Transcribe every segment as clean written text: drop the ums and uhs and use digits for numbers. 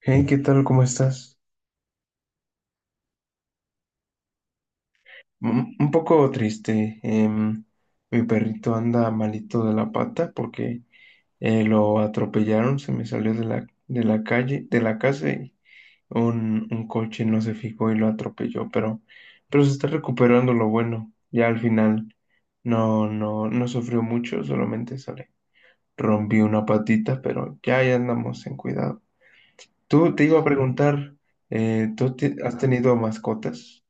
Hey, ¿qué tal? ¿Cómo estás? Mm, un poco triste. Mi perrito anda malito de la pata porque lo atropellaron. Se me salió de la calle, de la casa, y un coche no se fijó y lo atropelló, pero se está recuperando, lo bueno. Ya al final no sufrió mucho, solamente sale. Rompió una patita, pero ya, ya andamos en cuidado. Tú te iba a preguntar, ¿tú has tenido mascotas?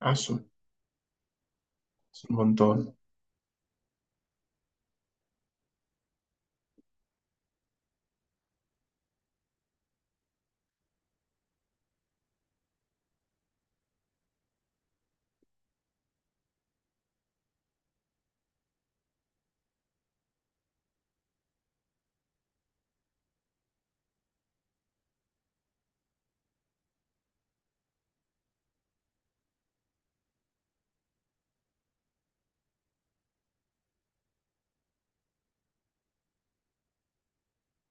Ah. Es un montón.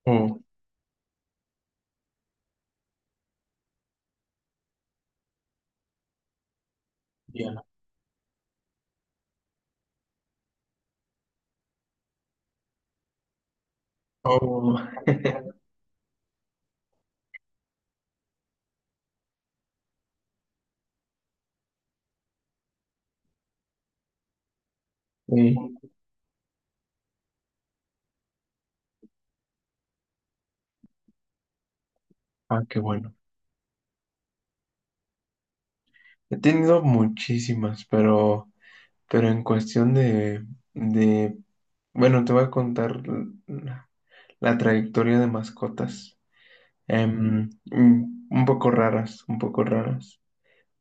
Oh, ya. Oh, sí. Ah, qué bueno. He tenido muchísimas, pero en cuestión de, bueno, te voy a contar la, la trayectoria de mascotas. Un poco raras, un poco raras.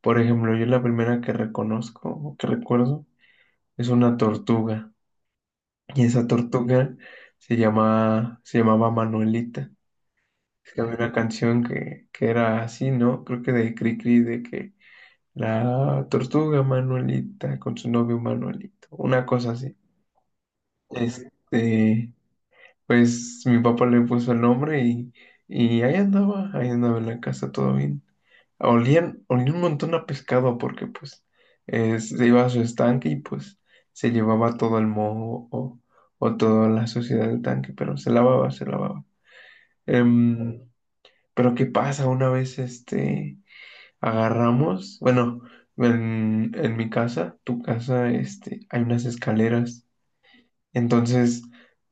Por ejemplo, yo la primera que reconozco, o que recuerdo, es una tortuga. Y esa tortuga se llamaba Manuelita. Es que había una canción que era así, ¿no? Creo que de Cricri, de que la tortuga Manuelita con su novio Manuelito, una cosa así. Este, pues mi papá le puso el nombre, y ahí andaba en la casa, todo bien. Olía un montón a pescado porque pues se iba a su estanque, y pues se llevaba todo el moho o toda la suciedad del tanque, pero se lavaba, se lavaba. Em, pero ¿qué pasa? Una vez este agarramos, bueno, en mi casa, tu casa, este, hay unas escaleras. Entonces,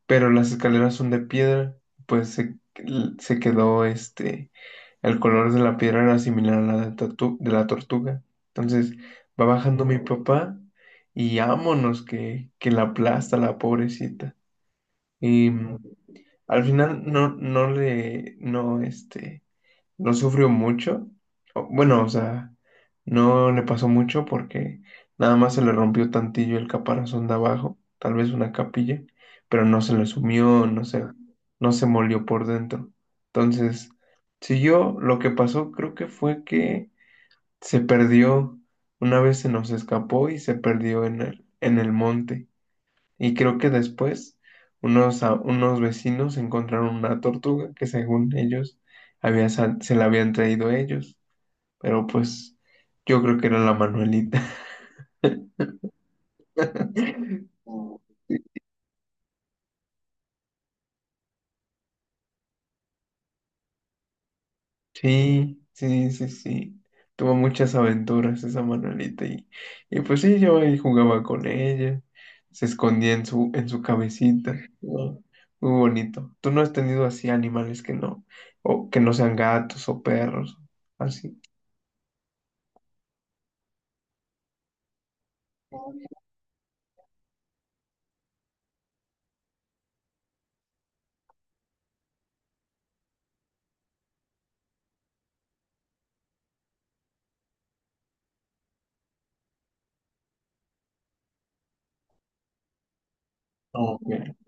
pero las escaleras son de piedra, pues se quedó este, el color de la piedra era similar a la de la tortuga. Entonces, va bajando mi papá y ámonos que la aplasta la pobrecita. Y al final no no sufrió mucho. Bueno, o sea, no le pasó mucho porque nada más se le rompió tantillo el caparazón de abajo, tal vez una capilla, pero no se le sumió, no se molió por dentro. Entonces, siguió. Lo que pasó creo que fue que se perdió, una vez se nos escapó y se perdió en el monte. Y creo que después unos vecinos encontraron una tortuga que según ellos se la habían traído ellos, pero pues yo creo que era la Manuelita. Sí, sí, sí, sí. Tuvo muchas aventuras esa Manuelita, y pues sí, yo ahí jugaba con ella, se escondía en su cabecita. ¿No? Muy bonito. ¿Tú no has tenido así animales que no, o que no sean gatos o perros, así? Ok.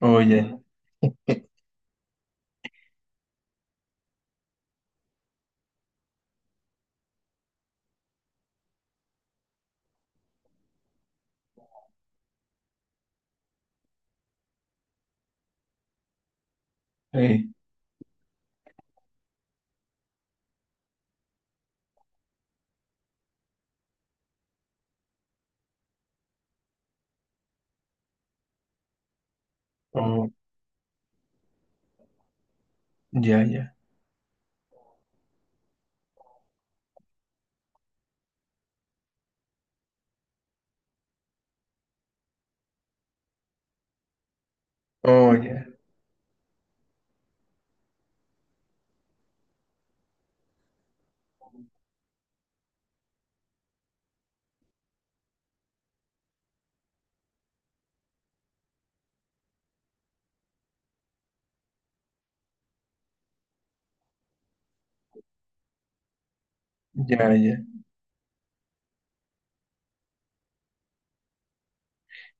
Oye, eh, oh, ya, ya, oh, ya, ya, ya,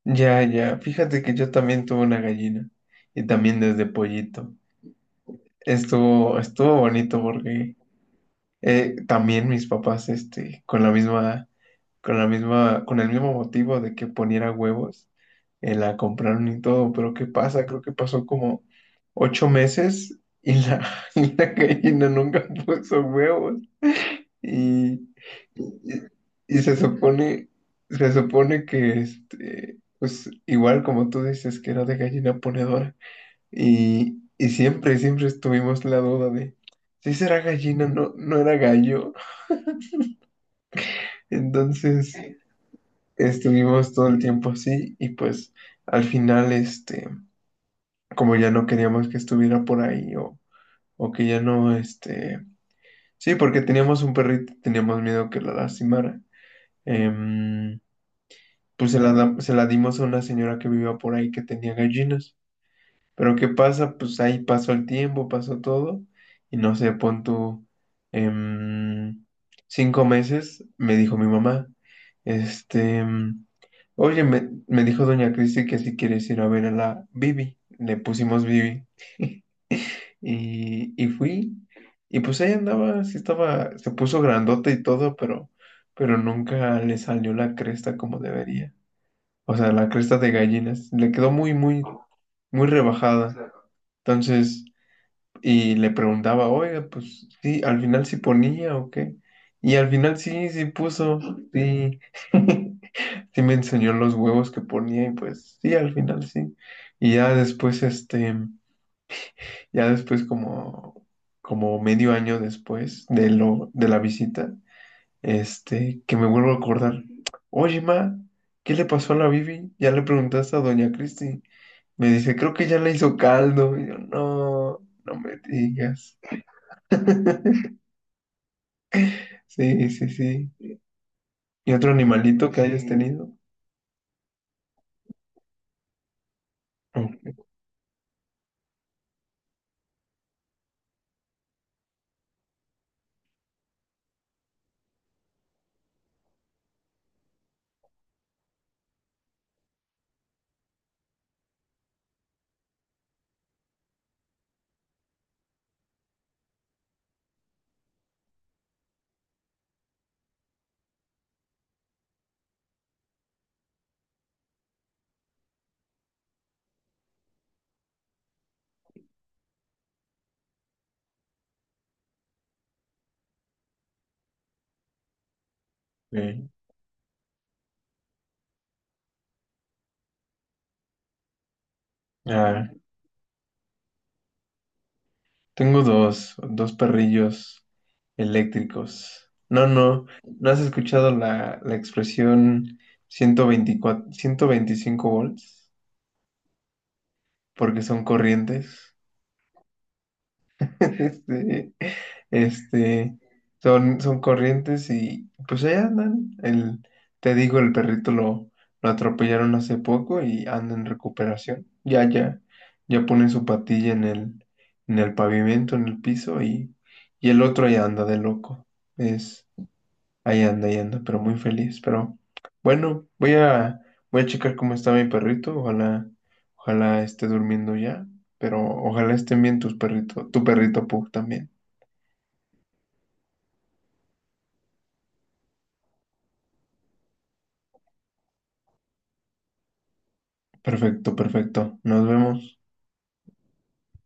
ya, ya. Fíjate que yo también tuve una gallina y también desde pollito. Estuvo bonito porque también mis papás, este, con el mismo motivo de que poniera huevos, la compraron y todo. Pero ¿qué pasa? Creo que pasó como 8 meses y la, y la gallina nunca puso huevos. Y, y- y se supone que este, pues igual como tú dices que era de gallina ponedora. Y siempre, siempre estuvimos la duda de si será gallina, no era gallo. Entonces estuvimos todo el tiempo así, y pues al final, este, como ya no queríamos que estuviera por ahí, o que ya no, este, sí, porque teníamos un perrito, teníamos miedo que la lastimara. em, pues se la dimos a una señora que vivía por ahí que tenía gallinas. Pero ¿qué pasa? Pues ahí pasó el tiempo, pasó todo, y no sé, pon tú, em, 5 meses. Me dijo mi mamá, este, oye, me dijo doña Cristi que si quieres ir a ver a la Bibi. Le pusimos Bibi, y fui, y pues ahí andaba, sí estaba, se puso grandota y todo, pero nunca le salió la cresta como debería. O sea, la cresta de gallinas. Le quedó muy, muy, muy rebajada. Entonces, y le preguntaba, oiga, pues sí, al final sí ponía o qué. Y al final sí, sí puso, sí. Sí me enseñó los huevos que ponía y pues sí, al final sí. Y ya después, este, ya después como medio año después de la visita, este, que me vuelvo a acordar, oye, ma, ¿qué le pasó a la Bibi? Ya le preguntaste a doña Cristi. Me dice, creo que ya le hizo caldo. Y yo, no, no me digas. Sí, sí, sí. ¿Y otro animalito que hayas, ok, tenido? Ok. Ah, tengo dos perrillos eléctricos. No, no, ¿no has escuchado la expresión 124, 125 volts? Porque son corrientes. Sí, este, son corrientes y pues ahí andan. Te digo, el perrito lo atropellaron hace poco y anda en recuperación. Ya, ya, ya pone su patilla en el pavimento, en el piso, y el otro ya anda de loco. Ahí anda, pero muy feliz. Pero bueno, voy a checar cómo está mi perrito. Ojalá, ojalá esté durmiendo ya. Pero ojalá estén bien tus perritos, tu perrito Pug también. Perfecto, perfecto. Nos vemos.